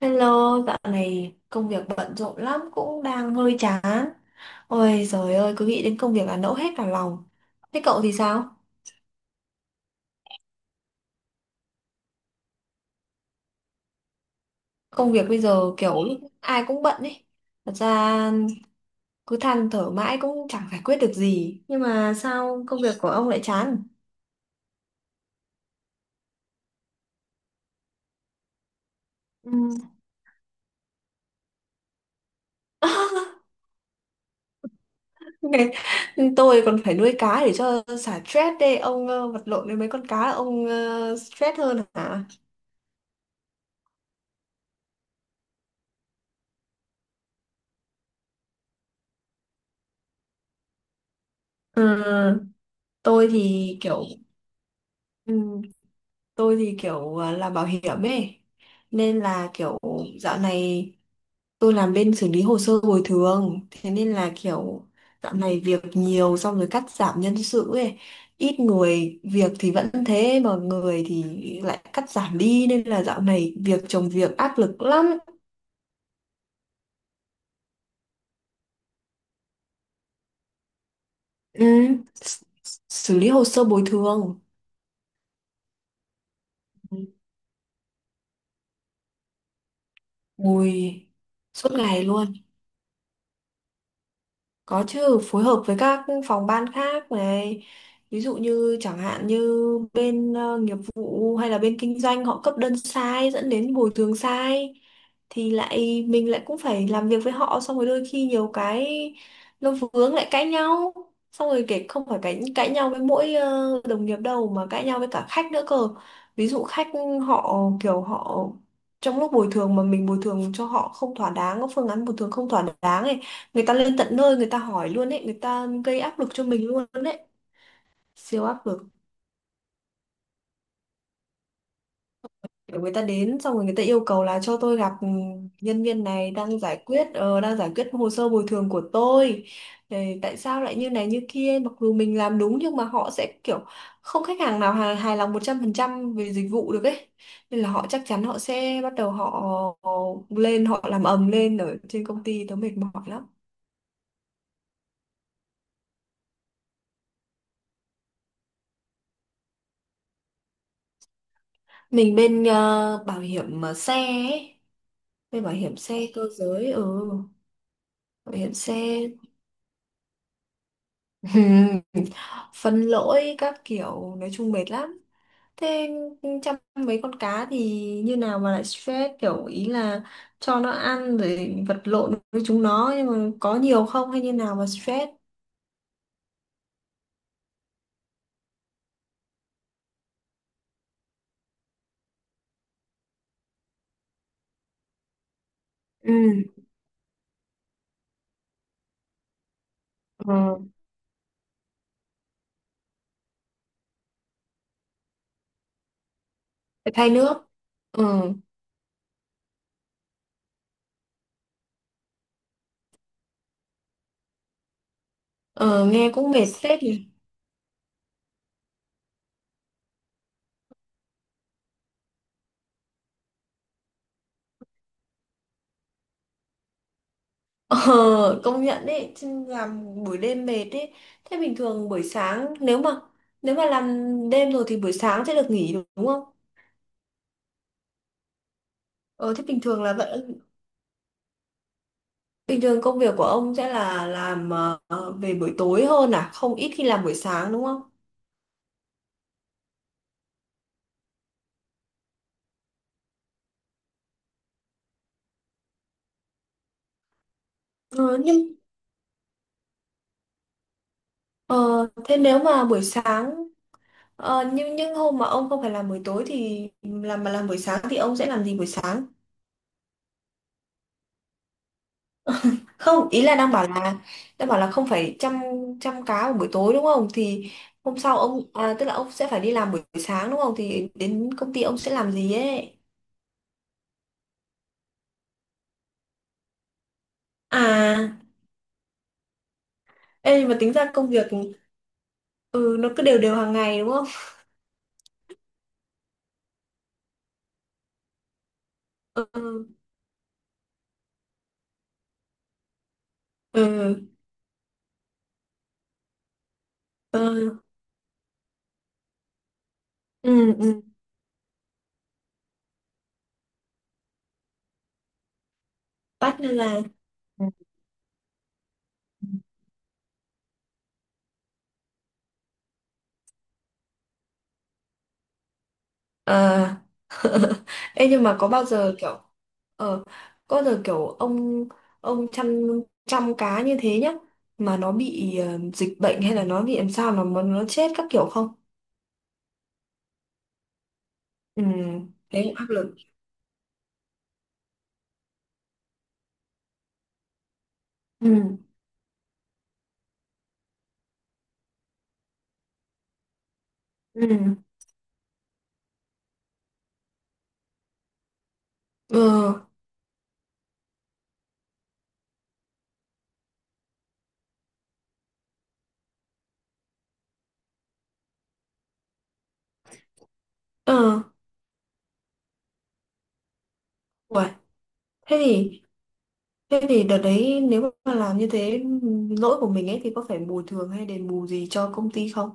Hello, dạo này công việc bận rộn lắm cũng đang hơi chán. Ôi trời ơi, cứ nghĩ đến công việc là nẫu hết cả lòng. Thế cậu thì sao? Công việc bây giờ kiểu ai cũng bận ấy. Thật ra cứ than thở mãi cũng chẳng giải quyết được gì. Nhưng mà sao công việc của ông lại chán? Ừ. Ngày- Tôi còn phải nuôi cá để cho xả stress đây. Ông vật lộn với mấy con cá ông stress hơn hả? Ừ, tôi thì kiểu ừ, tôi thì kiểu làm bảo hiểm ấy nên là kiểu dạo này tôi làm bên xử lý hồ sơ bồi thường thế nên là kiểu dạo này việc nhiều xong rồi cắt giảm nhân sự ấy ít người việc thì vẫn thế mà người thì lại cắt giảm đi nên là dạo này việc chồng việc áp lực lắm. Ừ. S- xử lý hồ sơ bồi thường. Ui, suốt ngày luôn. Có chứ, phối hợp với các phòng ban khác này. Ví dụ như chẳng hạn như bên nghiệp vụ hay là bên kinh doanh họ cấp đơn sai dẫn đến bồi thường sai thì lại mình lại cũng phải làm việc với họ xong rồi đôi khi nhiều cái nó vướng lại cãi nhau. Xong rồi kể không phải cãi cãi nhau với mỗi đồng nghiệp đâu mà cãi nhau với cả khách nữa cơ. Ví dụ khách họ trong lúc bồi thường mà mình bồi thường cho họ không thỏa đáng, có phương án bồi thường không thỏa đáng ấy, người ta lên tận nơi người ta hỏi luôn ấy, người ta gây áp lực cho mình luôn đấy. Siêu áp lực. Kiểu người ta đến xong rồi người ta yêu cầu là cho tôi gặp nhân viên này đang giải quyết, đang giải quyết hồ sơ bồi thường của tôi. Ờ, tại sao lại như này như kia mặc dù mình làm đúng nhưng mà họ sẽ kiểu không khách hàng nào hài lòng 100% về dịch vụ được ấy nên là họ chắc chắn họ sẽ bắt đầu họ lên họ làm ầm lên ở trên công ty, tớ mệt mỏi lắm. Mình bên bảo hiểm xe ấy. Về bảo hiểm xe cơ giới, ừ, bảo hiểm xe. Phân lỗi các kiểu nói chung mệt lắm. Thế chăm mấy con cá thì như nào mà lại stress, kiểu ý là cho nó ăn rồi vật lộn với chúng nó nhưng mà có nhiều không hay như nào mà stress. Ừ. Ừ. Phải thay nước. Ừ. Ừ, nghe cũng mệt phết nhỉ. Ờ, công nhận đấy, chứ làm buổi đêm mệt đấy. Thế bình thường buổi sáng nếu mà làm đêm rồi thì buổi sáng sẽ được nghỉ đúng không? Ờ, thế bình thường là vẫn bình thường công việc của ông sẽ là làm về buổi tối hơn à, không ít khi làm buổi sáng đúng không? Ờ, nhưng ờ, thế nếu mà buổi sáng nhưng hôm mà ông không phải làm buổi tối thì làm mà làm buổi sáng thì ông sẽ làm gì buổi sáng? Không, ý là đang bảo là không phải chăm chăm cá vào buổi tối đúng không thì hôm sau ông à, tức là ông sẽ phải đi làm buổi sáng đúng không thì đến công ty ông sẽ làm gì ấy. À. Ê nhưng mà tính ra công việc ừ nó cứ đều đều hàng ngày đúng không. Ừ. Ừ. Ừ. Ừ, ừ. Bắt nên là ờ. Ê nhưng mà có bao giờ kiểu ờ có bao giờ kiểu ông chăm chăm cá như thế nhá mà nó bị dịch bệnh hay là nó bị làm sao mà nó chết các kiểu không? Ừ, thế cũng áp lực. Ừ, ừ, ừ, ờ. Uầy. Thế thì thế thì đợt đấy nếu mà làm như thế lỗi của mình ấy thì có phải bồi thường hay đền bù gì cho công ty không?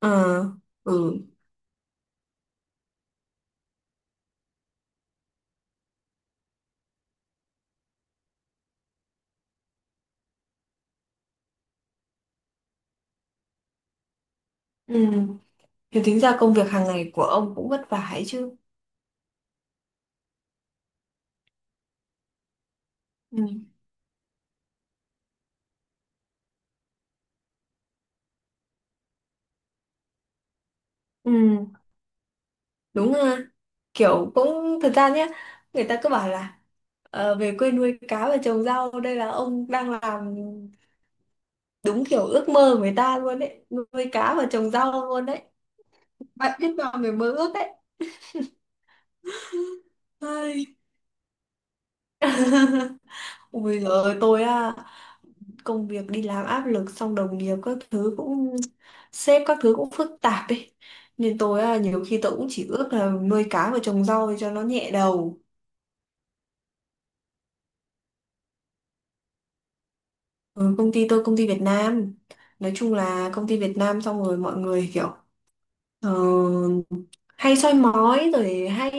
Ờ, ừ, ừ. Thì tính ra công việc hàng ngày của ông cũng vất vả ấy chứ. Ừ, ừ, đúng ha. Kiểu cũng thật ra nhé, người ta cứ bảo là về quê nuôi cá và trồng rau đây là ông đang làm đúng kiểu ước mơ của người ta luôn đấy, nuôi cá và trồng rau luôn đấy. Bạn biết vào người mơ ước đấy. Ai. Ôi giời ơi, tôi á, công việc đi làm áp lực xong đồng nghiệp các thứ cũng sếp các thứ cũng phức tạp ấy nên tôi á nhiều khi tôi cũng chỉ ước là nuôi cá và trồng rau cho nó nhẹ đầu. Ừ, công ty tôi công ty Việt Nam, nói chung là công ty Việt Nam xong rồi mọi người kiểu ờ, hay soi mói rồi hay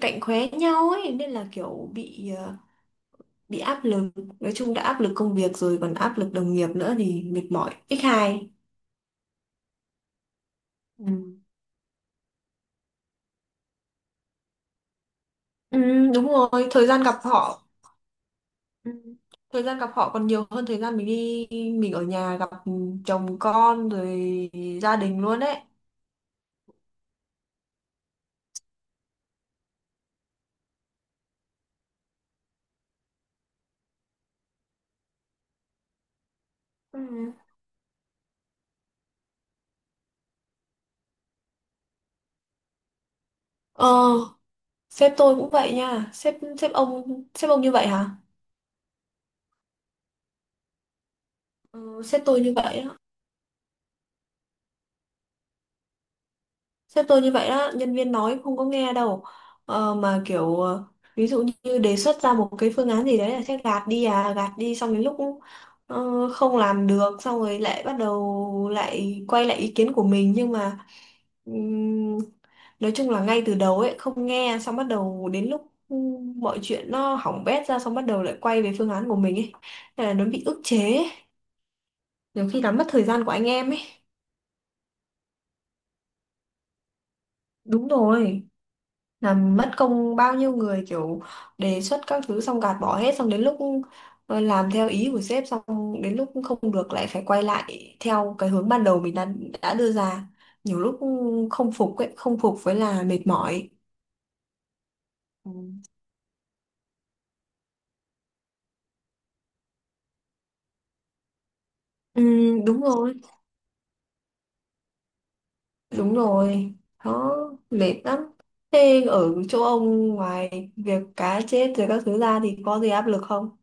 cạnh khóe nhau ấy nên là kiểu bị bị áp lực. Nói chung đã áp lực công việc rồi còn áp lực đồng nghiệp nữa thì mệt mỏi x2. Ừ. Ừ, đúng rồi thời gian gặp họ. Ừ. Thời gian gặp họ còn nhiều hơn thời gian mình đi mình ở nhà gặp chồng con rồi gia đình luôn đấy. Ừ. Ờ, sếp tôi cũng vậy nha, sếp sếp ông như vậy hả. Ừ, sếp tôi như vậy á. Sếp tôi như vậy đó, nhân viên nói không có nghe đâu. Ờ, mà kiểu ví dụ như đề xuất ra một cái phương án gì đấy là sếp gạt đi à, gạt đi xong đến lúc không làm được xong rồi lại bắt đầu lại quay lại ý kiến của mình nhưng mà ừm, nói chung là ngay từ đầu ấy không nghe xong bắt đầu đến lúc mọi chuyện nó hỏng bét ra xong bắt đầu lại quay về phương án của mình ấy. Nên là nó bị ức chế ấy. Nhiều khi làm mất thời gian của anh em ấy. Đúng rồi. Làm mất công bao nhiêu người kiểu đề xuất các thứ xong gạt bỏ hết xong đến lúc làm theo ý của sếp xong đến lúc không được lại phải quay lại theo cái hướng ban đầu mình đã đưa ra nhiều lúc không phục ấy, không phục với là mệt mỏi. Ừ. Ừ, đúng rồi, đúng rồi. Đó mệt lắm. Thế ở chỗ ông ngoài việc cá chết rồi các thứ ra thì có gì áp lực không?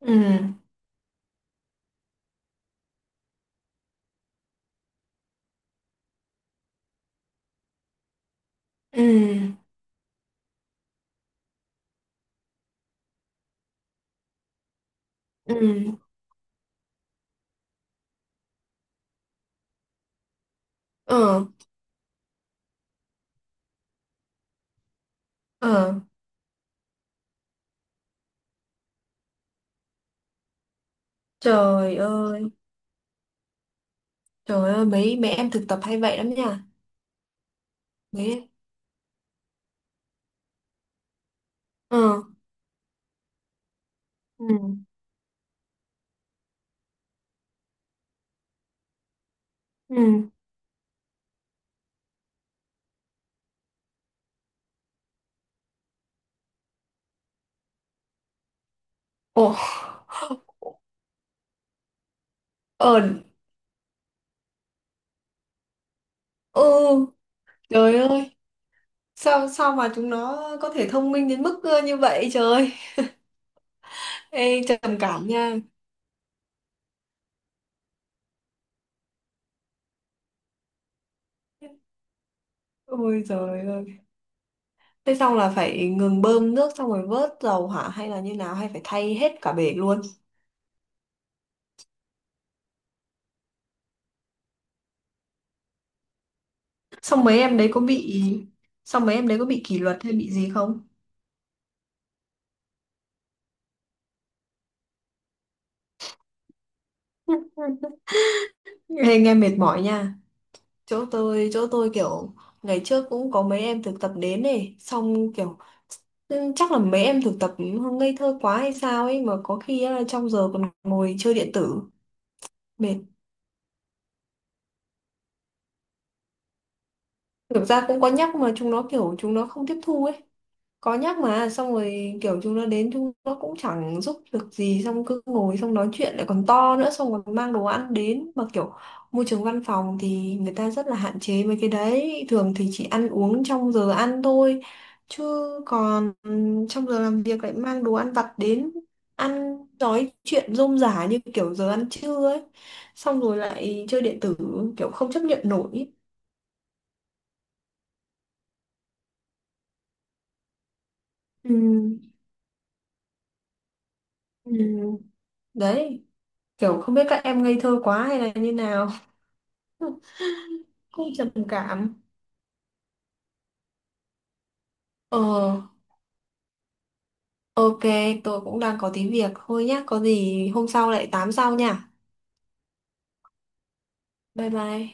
Ừ. Ừ. Ừ. Ờ. Ờ, trời ơi. Trời ơi, mấy mấy em thực tập hay vậy lắm nha. Mấy. Ừ. Ừ. Ừ. Ồ, ờ, ừ. Trời ơi, sao sao mà chúng nó có thể thông minh đến mức như vậy trời. Ê trầm cảm nha. Ôi trời ơi. Thế xong là phải ngừng bơm nước xong rồi vớt dầu hả hay là như nào hay phải thay hết cả bể luôn. Xong mấy em đấy có bị xong mấy em đấy có bị kỷ luật hay bị gì không? Ê, nghe mệt mỏi nha. Chỗ tôi kiểu ngày trước cũng có mấy em thực tập đến này xong kiểu. Ừ, chắc là mấy em thực tập ngây thơ quá hay sao ấy mà có khi á, trong giờ còn ngồi chơi điện tử. Mệt. Thực ra cũng có nhắc mà chúng nó kiểu chúng nó không tiếp thu ấy. Có nhắc mà xong rồi kiểu chúng nó đến chúng nó cũng chẳng giúp được gì xong cứ ngồi xong nói chuyện lại còn to nữa xong còn mang đồ ăn đến mà kiểu môi trường văn phòng thì người ta rất là hạn chế mấy cái đấy thường thì chỉ ăn uống trong giờ ăn thôi chứ còn trong giờ làm việc lại mang đồ ăn vặt đến ăn nói chuyện rôm rả như kiểu giờ ăn trưa ấy xong rồi lại chơi điện tử kiểu không chấp nhận nổi. Ừm, ừm, đấy kiểu không biết các em ngây thơ quá hay là như nào. Cũng trầm cảm. Ờ. Ok. Tôi cũng đang có tí việc thôi nhá, có gì hôm sau lại tám sau nha. Bye bye.